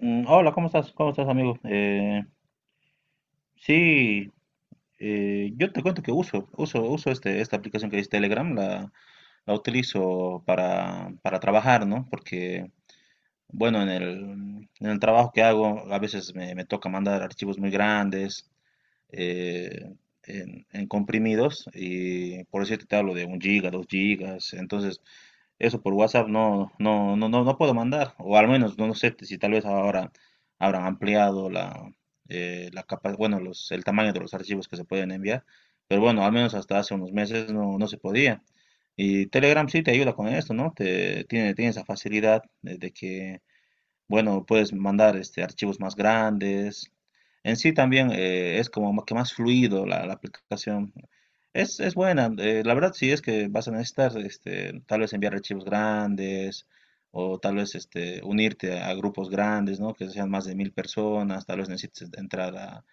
Hola, ¿cómo estás? ¿Cómo estás, amigo? Sí, yo te cuento que uso esta aplicación que es Telegram, la utilizo para trabajar, ¿no? Porque, bueno, en el trabajo que hago, a veces me toca mandar archivos muy grandes, eh, en comprimidos, y por eso te hablo de un giga, dos gigas, entonces eso por WhatsApp no puedo mandar, o al menos no sé si tal vez ahora habrán ampliado la bueno, el tamaño de los archivos que se pueden enviar, pero bueno, al menos hasta hace unos meses no se podía. Y Telegram sí te ayuda con esto, ¿no? Tiene tiene esa facilidad de que bueno, puedes mandar archivos más grandes. En sí también es como que más fluido la aplicación. Es buena. La verdad sí es que vas a necesitar tal vez enviar archivos grandes o tal vez unirte a grupos grandes, ¿no? Que sean más de mil personas. Tal vez necesites entrar a,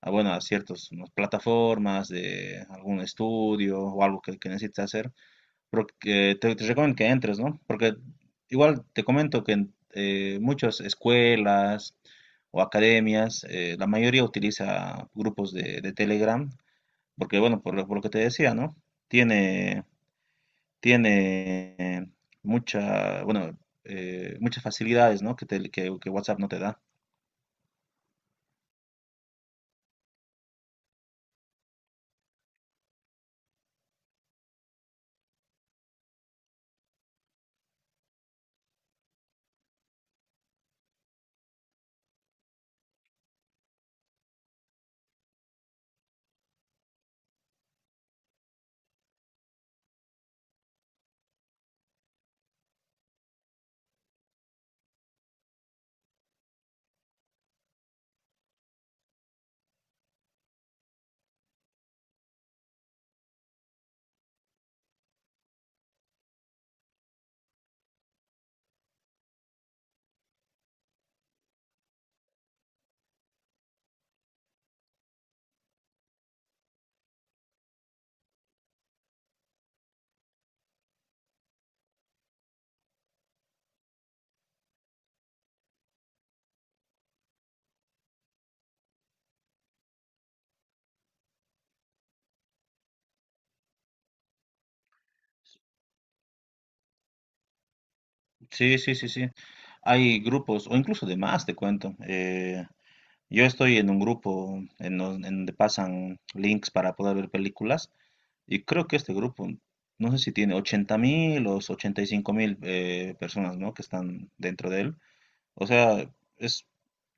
a, bueno, a ciertas, ¿no?, plataformas de algún estudio o algo que necesites hacer porque te recomiendo que entres, ¿no? Porque igual te comento que en muchas escuelas o academias, la mayoría utiliza grupos de Telegram, porque bueno, por lo que te decía, ¿no? Tiene, tiene, mucha, bueno, muchas facilidades, ¿no? Que WhatsApp no te da. Sí, sí, sí, sí. Hay grupos, o incluso de más, te cuento. Yo estoy en un grupo en donde pasan links para poder ver películas. Y creo que este grupo, no sé si tiene 80 mil o 85 mil personas, ¿no?, que están dentro de él. O sea, es,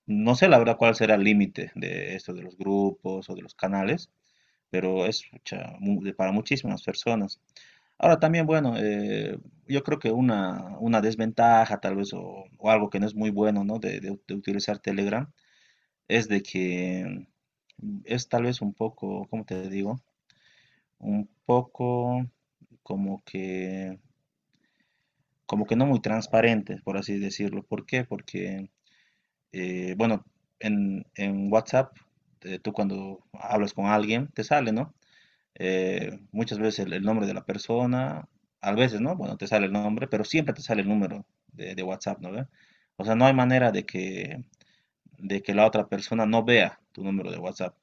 no sé la verdad cuál será el límite de esto de los grupos o de los canales, pero es pucha, para muchísimas personas. Ahora también, bueno, yo creo que una desventaja tal vez o algo que no es muy bueno, ¿no?, de utilizar Telegram es de que es tal vez un poco, ¿cómo te digo? Un poco como que, como que no muy transparentes, por así decirlo. ¿Por qué? Porque, bueno, en WhatsApp, tú cuando hablas con alguien, te sale, ¿no? Muchas veces el nombre de la persona, a veces, ¿no?, bueno, te sale el nombre, pero siempre te sale el número de WhatsApp, ¿no ve? O sea, no hay manera de que la otra persona no vea tu número de WhatsApp.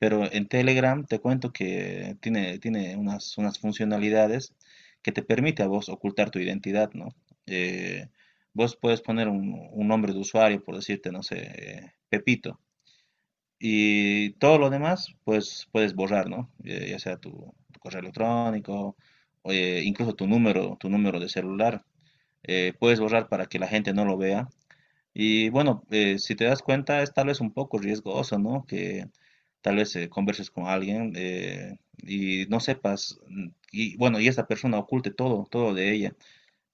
Pero en Telegram te cuento que tiene unas funcionalidades que te permite a vos ocultar tu identidad, ¿no? Eh, vos puedes poner un nombre de usuario, por decirte, no sé, Pepito. Y todo lo demás, pues puedes borrar, ¿no? Ya sea tu correo electrónico, o, incluso tu número de celular. Puedes borrar para que la gente no lo vea y bueno, si te das cuenta, es tal vez un poco riesgoso, ¿no?, que tal vez converses con alguien, y no sepas, y bueno, y esta persona oculte todo, todo de ella.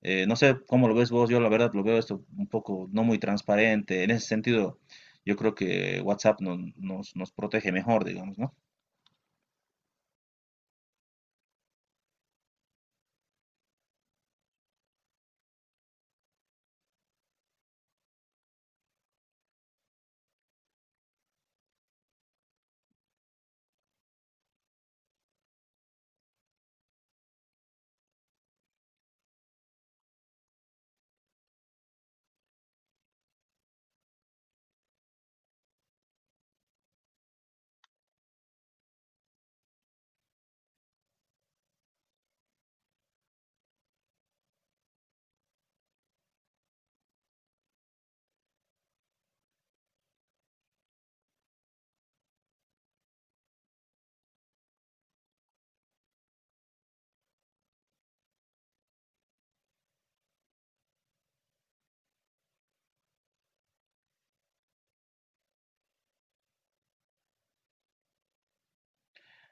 No sé cómo lo ves vos, yo la verdad lo veo esto un poco no muy transparente. En ese sentido, yo creo que WhatsApp nos protege mejor, digamos, ¿no?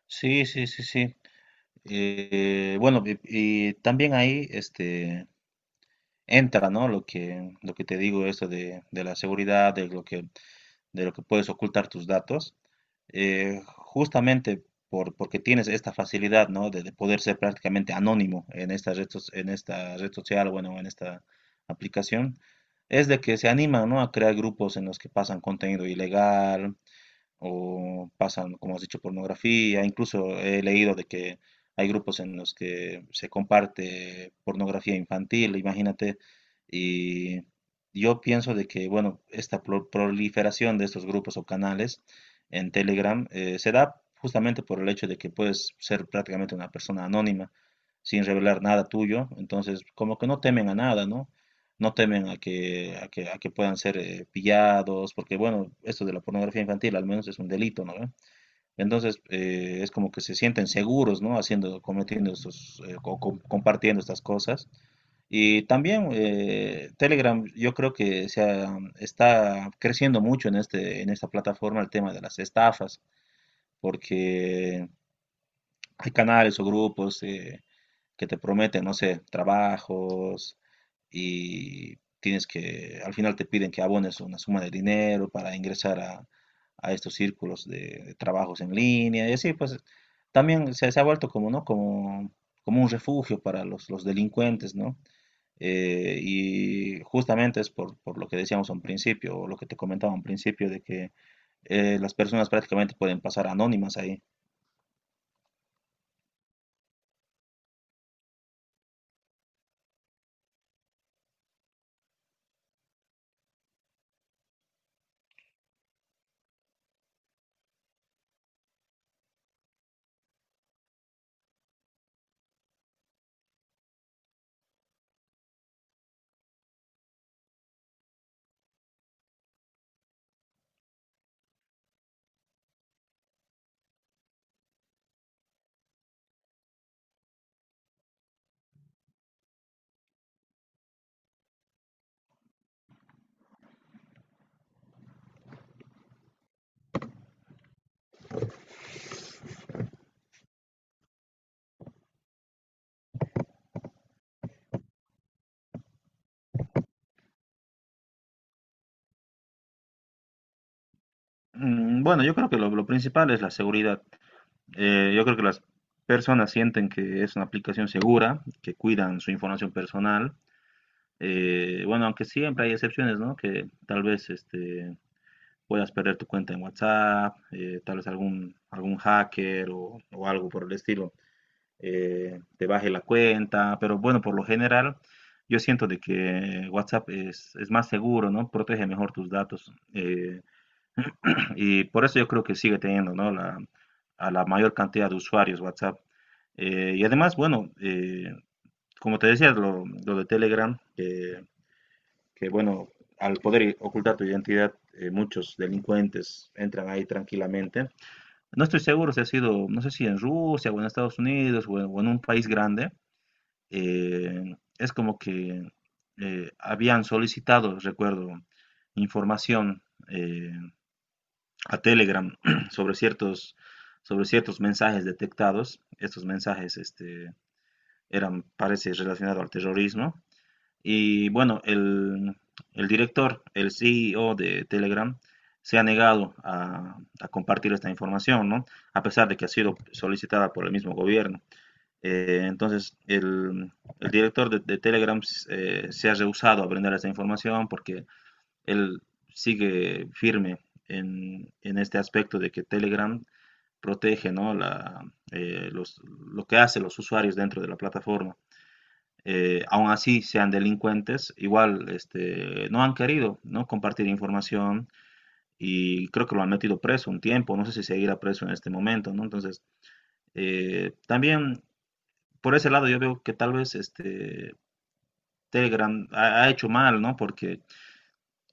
Sí, sí, sí, sí. Bueno, y también ahí entra, ¿no?, lo que te digo, esto de la seguridad, de lo que puedes ocultar tus datos, justamente porque tienes esta facilidad, ¿no?, de poder ser prácticamente anónimo en esta red social, bueno, en esta aplicación, es de que se animan, ¿no?, a crear grupos en los que pasan contenido ilegal, o pasan, como has dicho, pornografía. Incluso he leído de que hay grupos en los que se comparte pornografía infantil, imagínate. Y yo pienso de que, bueno, esta proliferación de estos grupos o canales en Telegram, se da justamente por el hecho de que puedes ser prácticamente una persona anónima sin revelar nada tuyo. Entonces, como que no temen a nada, ¿no? No temen a que puedan ser, pillados, porque bueno, esto de la pornografía infantil al menos es un delito, ¿no ve? Entonces, es como que se sienten seguros, ¿no?, haciendo, cometiendo estos, compartiendo estas cosas. Y también, Telegram, yo creo que está creciendo mucho en en esta plataforma el tema de las estafas, porque hay canales o grupos, que te prometen, no sé, trabajos, y tienes que, al final te piden que abones una suma de dinero para ingresar a estos círculos de trabajos en línea y así, pues también se ha vuelto como, ¿no?, como, como un refugio para los delincuentes, ¿no? Y justamente es por lo que decíamos a un principio, o lo que te comentaba a un principio, de que las personas prácticamente pueden pasar anónimas ahí. Bueno, yo creo que lo principal es la seguridad. Yo creo que las personas sienten que es una aplicación segura, que cuidan su información personal. Bueno, aunque siempre hay excepciones, ¿no?, que tal vez puedas perder tu cuenta en WhatsApp, tal vez algún hacker o algo por el estilo, te baje la cuenta, pero bueno, por lo general yo siento de que WhatsApp es más seguro, ¿no? Protege mejor tus datos. Y por eso yo creo que sigue teniendo, ¿no?, a la mayor cantidad de usuarios WhatsApp. Y además, bueno, como te decía, lo de Telegram, que bueno, al poder ocultar tu identidad, muchos delincuentes entran ahí tranquilamente. No estoy seguro si ha sido, no sé si en Rusia o en Estados Unidos o en un país grande, es como que habían solicitado, recuerdo, información. eh, a Telegram sobre ciertos, sobre ciertos mensajes detectados. Estos mensajes, eran, parece, relacionados al terrorismo. Y bueno, el director, el CEO de Telegram, se ha negado a compartir esta información, ¿no?, a pesar de que ha sido solicitada por el mismo gobierno. Entonces, el director de Telegram, se ha rehusado a brindar esta información porque él sigue firme en este aspecto de que Telegram protege, ¿no?, lo que hacen los usuarios dentro de la plataforma. Aun así sean delincuentes, igual no han querido, ¿no?, compartir información y creo que lo han metido preso un tiempo, no sé si seguirá preso en este momento, ¿no? Entonces, también por ese lado yo veo que tal vez Telegram ha hecho mal, ¿no? Porque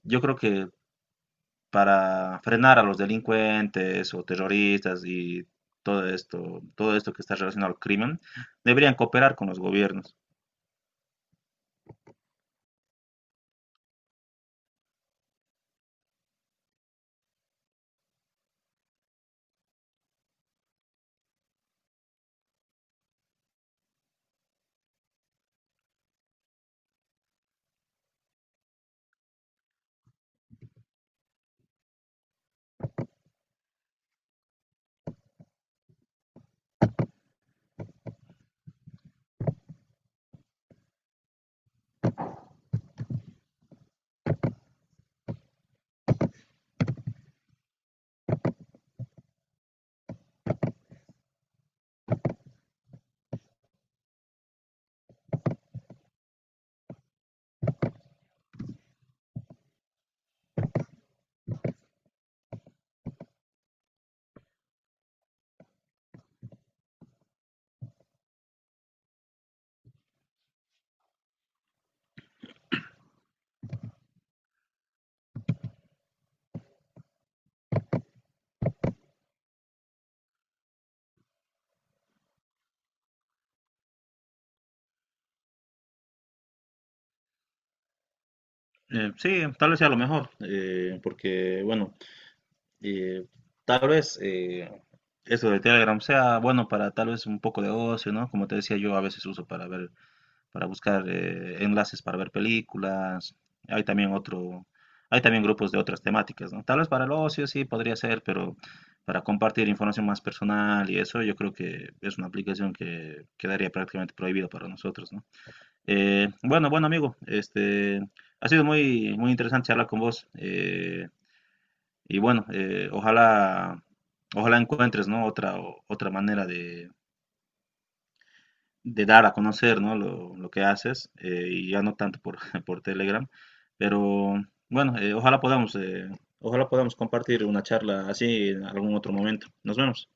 yo creo que para frenar a los delincuentes o terroristas y todo esto que está relacionado al crimen, deberían cooperar con los gobiernos. Sí, tal vez sea lo mejor, porque bueno, eh, tal vez eso de Telegram sea bueno para tal vez un poco de ocio, ¿no? Como te decía, yo a veces uso para ver para buscar, enlaces para ver películas. Hay también otro, hay también grupos de otras temáticas, ¿no? Tal vez para el ocio sí podría ser, pero para compartir información más personal y eso, yo creo que es una aplicación que quedaría prácticamente prohibida para nosotros, ¿no? Bueno, bueno, amigo, ha sido muy, muy interesante hablar con vos. Y bueno, ojalá encuentres, ¿no?, otra manera de dar a conocer, ¿no?, lo que haces, y ya no tanto por, por Telegram, pero bueno, ojalá podamos compartir una charla así en algún otro momento. Nos vemos.